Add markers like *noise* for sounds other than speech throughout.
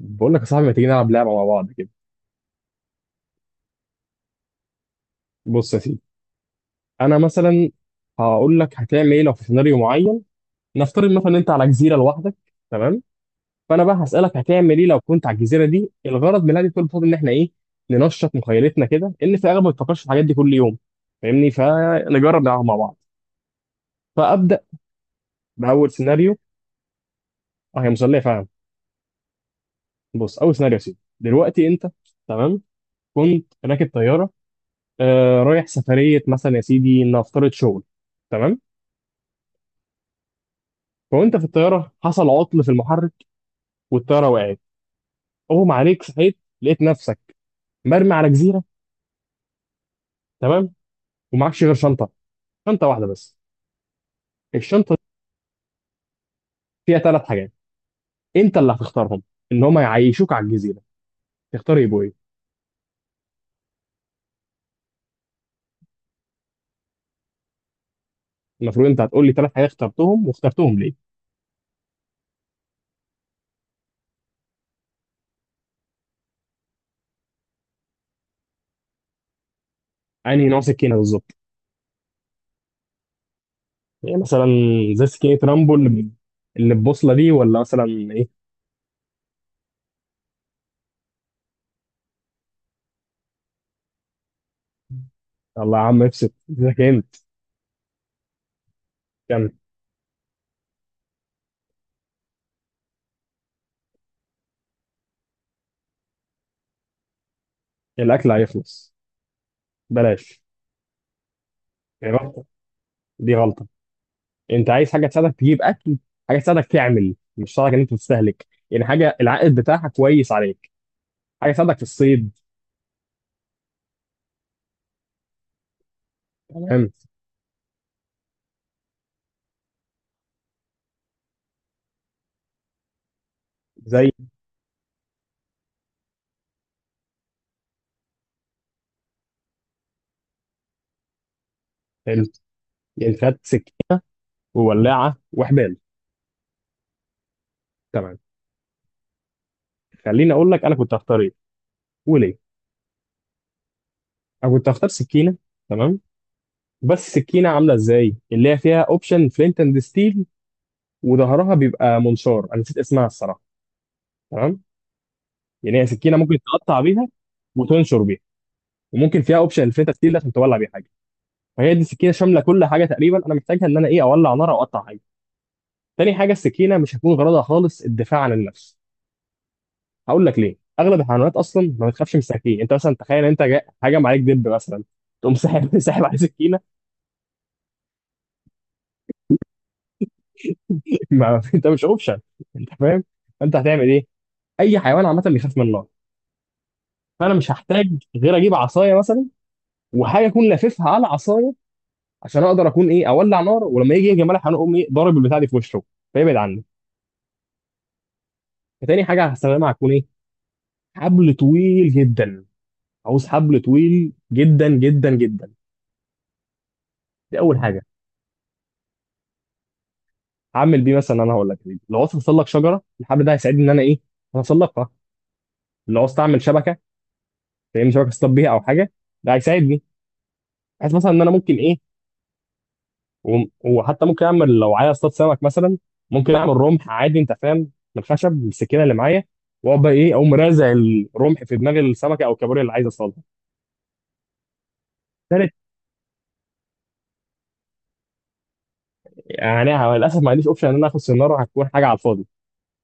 بقول لك يا صاحبي، ما تيجي نلعب لعبه مع بعض كده؟ بص يا سيدي، انا مثلا هقول لك هتعمل ايه لو في سيناريو معين. نفترض مثلا إن انت على جزيره لوحدك، تمام؟ فانا بقى هسالك هتعمل ايه لو كنت على الجزيره دي. الغرض من هذه كل الفضل ان احنا ايه؟ ننشط مخيلتنا كده، ان في اغلب ما بتفكرش في الحاجات دي كل يوم. فاهمني؟ فنجرب نلعب مع بعض. فابدا باول سيناريو. اه، هي مسليه فعلا. بص، اول سيناريو يا سيدي، دلوقتي انت، تمام، كنت راكب طياره، رايح سفريه مثلا يا سيدي، نفترض شغل، تمام. وانت في الطياره حصل عطل في المحرك، والطياره وقعت، اغمى عليك، صحيت لقيت نفسك مرمي على جزيره، تمام. ومعكش غير شنطه، شنطه واحده بس. الشنطه دي فيها ثلاث حاجات، انت اللي هتختارهم، ان هم يعيشوك على الجزيره. تختار يبقوا ايه؟ المفروض انت هتقول لي ثلاث حاجات اخترتهم واخترتهم ليه. انهي نوع سكينه بالظبط؟ يعني مثلا زي سكينه رامبو اللي ببوصله دي، ولا مثلا ايه؟ الله يا عم افسد اذا كانت. كمل. الاكل هيخلص، بلاش. دي غلطه، دي غلطه. انت عايز حاجه تساعدك تجيب اكل، حاجه تساعدك تعمل، مش تساعدك ان انت تستهلك. يعني حاجه العائد بتاعها كويس عليك، حاجه تساعدك في الصيد، تمام. زي ال- يعني خدت سكين وولاعه وحبال، تمام. خليني اقول لك انا كنت هختار ايه وليه. انا كنت هختار سكينه، تمام. بس السكينه عامله ازاي؟ اللي هي فيها اوبشن فلينت اند ستيل، وظهرها بيبقى منشار، انا نسيت اسمها الصراحه، تمام. يعني هي سكينه ممكن تقطع بيها وتنشر بيها، وممكن فيها اوبشن الفلينت اند ستيل ده عشان تولع بيها حاجه. فهي دي السكينه شامله كل حاجه تقريبا انا محتاجها ان انا ايه، اولع نار او اقطع حاجه. تاني حاجه، السكينه مش هتكون غرضها خالص الدفاع عن النفس. هقول لك ليه. اغلب الحيوانات اصلا ما بتخافش من السكاكين. انت مثلا تخيل انت هجم عليك دب مثلا، تقوم ساحب *laughs* ساحب عليه سكينه؟ ما... *laughs* انت مش اوبشن، انت فاهم؟ انت هتعمل ايه؟ اي حيوان عامه بيخاف من النار. فانا مش هحتاج غير اجيب عصايه مثلا، وحاجه اكون لاففها على عصايه، عشان اقدر اكون ايه، اولع نار. ولما يجي يجي ملح هنقوم ايه، ضارب البتاع دي في وشه فيبعد عني. فتاني حاجه هستخدمها هتكون ايه، حبل طويل جدا. عاوز حبل طويل جدا جدا جدا. دي اول حاجه. هعمل بيه مثلا، انا هقول لك، لو عاوز اوصل لك شجره الحبل ده هيساعدني ان انا ايه، اوصلقها. لو عاوز اعمل شبكه، فاهمني؟ شبكه اصطاد بيها او حاجه، ده هيساعدني. عايز مثلا ان انا ممكن ايه، وحتى ممكن اعمل لو عايز اصطاد سمك مثلا، ممكن اعمل رمح عادي انت فاهم من الخشب بالسكينه اللي معايا. واقعد بقى ايه، اقوم رازع الرمح في دماغ السمكه او الكابوريا اللي عايز اصطادها. ثالث، يعني أنا للاسف ما عنديش اوبشن ان انا اخد سناره، هتكون حاجه على الفاضي.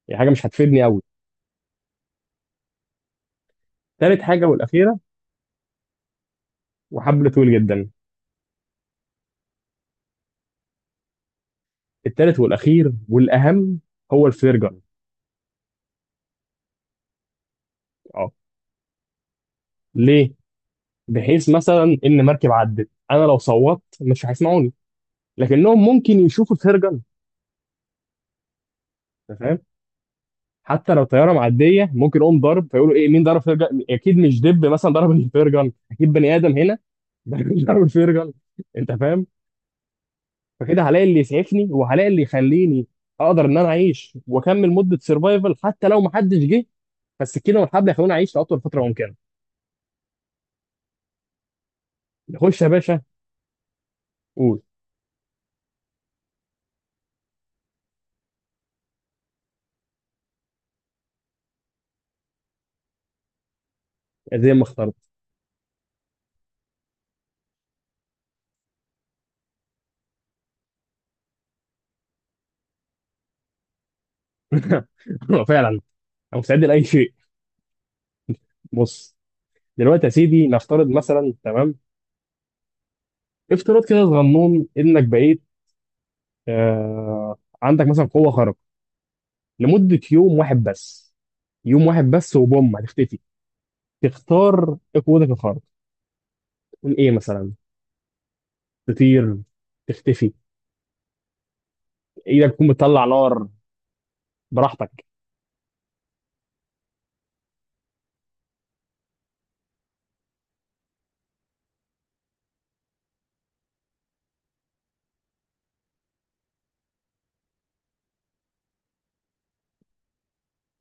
هي حاجه مش هتفيدني قوي. تالت حاجة والأخيرة وحبل طويل جدا. التالت والأخير والأهم هو الفلير جن. اه. ليه؟ بحيث مثلا إن مركب عدت، أنا لو صوتت مش هيسمعوني، لكنهم ممكن يشوفوا الفلير جن. أنت فاهم؟ حتى لو طيارة معدية ممكن يقوم ضرب فيقولوا إيه، مين ضرب فلير جن؟ أكيد مش دب مثلا ضرب الفلير جن، أكيد بني آدم هنا. *laughs* ضرب الفلير جن. أنت فاهم؟ فكده هلاقي اللي يسعفني وهلاقي اللي يخليني أقدر إن أنا أعيش وأكمل مدة سرفايفل حتى لو محدش جه. فالسكينة والحبل هيخلوني أعيش لأطول فترة ممكنة. خش يا باشا. قول. زي ما اخترت. *laughs* فعلا، انا مستعد لاي شيء. بص، دلوقتي يا سيدي نفترض مثلا، تمام. افتراض كده صغنون، انك بقيت عندك مثلا قوه خارقه لمده يوم واحد بس. يوم واحد بس وبوم هتختفي. تختار ايه قوتك الخارقه؟ تكون ايه مثلا؟ تطير، تختفي، ايدك تكون بتطلع نار، براحتك.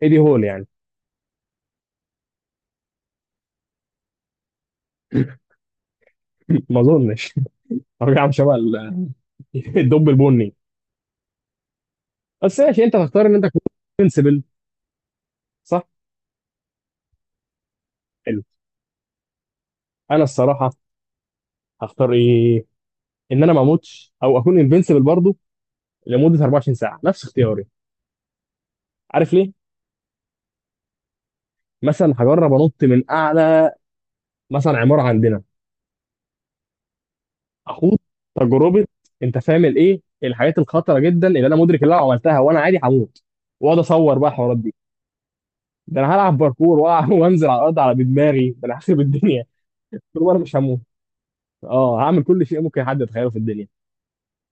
ايه دي، هول يعني؟ *laughs* ما اظنش. ارجع عامل شبه *laughs* الدب البني. بس ماشي، انت تختار ان انت تكون انسبل، صح. انا الصراحه هختار ايه، ان انا ما اموتش او اكون انفنسبل برضه لمده 24 ساعه، نفس اختياري. عارف ليه؟ مثلا هجرب انط من اعلى مثلا عماره عندنا، اخوض تجربه. انت فاهم الايه، الحاجات الخطره جدا اللي انا مدرك اللي انا لو عملتها وانا عادي هموت، واقعد اصور بقى الحوارات دي. ده انا هلعب باركور *laughs* وانزل على الارض على بدماغي، ده انا هخرب الدنيا. *laughs* طول ما انا مش هموت، اه هعمل كل شيء ممكن حد يتخيله في الدنيا.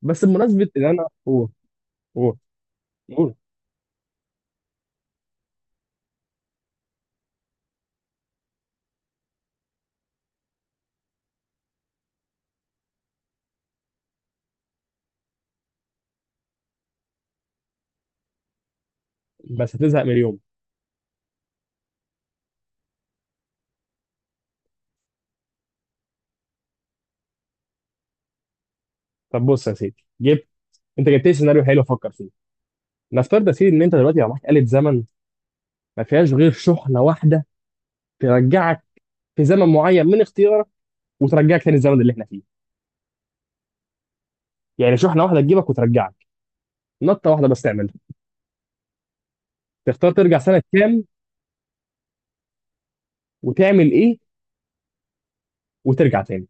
بس بمناسبه ان انا قول. قول. قول. بس هتزهق من اليوم. طب بص يا سيدي، جبت. انت جبت لي سيناريو حلو افكر فيه. نفترض يا سيدي ان انت دلوقتي يبقى معاك آلة زمن، ما فيهاش غير شحنه واحده، ترجعك في زمن معين من اختيارك، وترجعك تاني الزمن اللي احنا فيه. يعني شحنه واحده تجيبك وترجعك، نطه واحده بس تعملها. تختار ترجع سنه كام وتعمل ايه وترجع تاني؟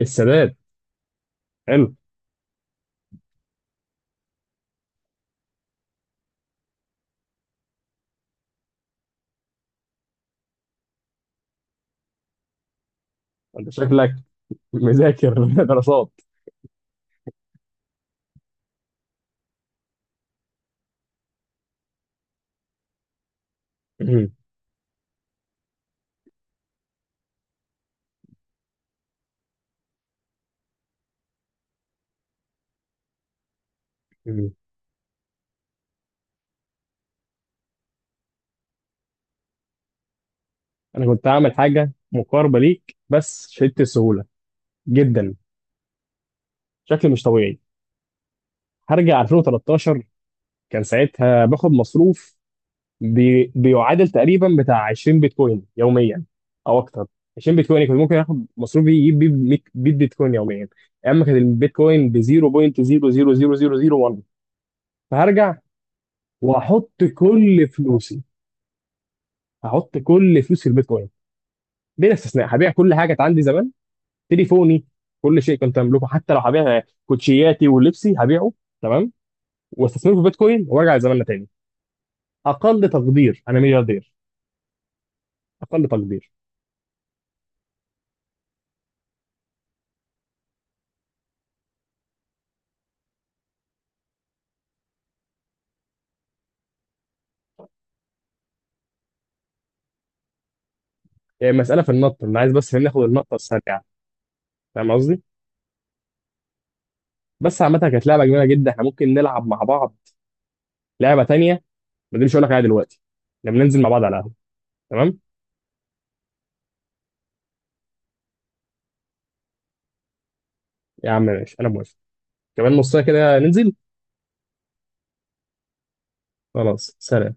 السادات، حلو. انت شكلك مذاكر *laughs* دراسات. مم. مم. انا كنت هعمل حاجه مقاربه ليك، بس شدت السهوله جدا، شكل مش طبيعي. هرجع 2013. كان ساعتها باخد مصروف بيعادل تقريبا بتاع 20 بيتكوين يوميا او اكتر. 20 بيتكوين كنت ممكن اخد مصروفي يجيب بيه 100 بيتكوين يوميا. اما كان البيتكوين ب 0.00001. فهرجع واحط كل فلوسي. هحط كل فلوسي في البيتكوين بلا استثناء، هبيع كل حاجه كانت عندي زمان، تليفوني، كل شيء كنت املكه، حتى لو هبيع كوتشياتي ولبسي هبيعه، تمام. واستثمره في البيتكوين وارجع زماننا تاني. اقل تقدير انا ملياردير. اقل تقدير. يعني مسألة في النط، أنا عايز بس ناخد النقطة السريعة. فاهم قصدي؟ بس عامة كانت لعبة جميلة جدا، احنا ممكن نلعب مع بعض لعبة تانية. ما دي مش هقول لك عليها دلوقتي، لما ننزل مع بعض على القهوة. تمام؟ يا عم ماشي، أنا موافق. كمان نص ساعة كده ننزل. خلاص سلام.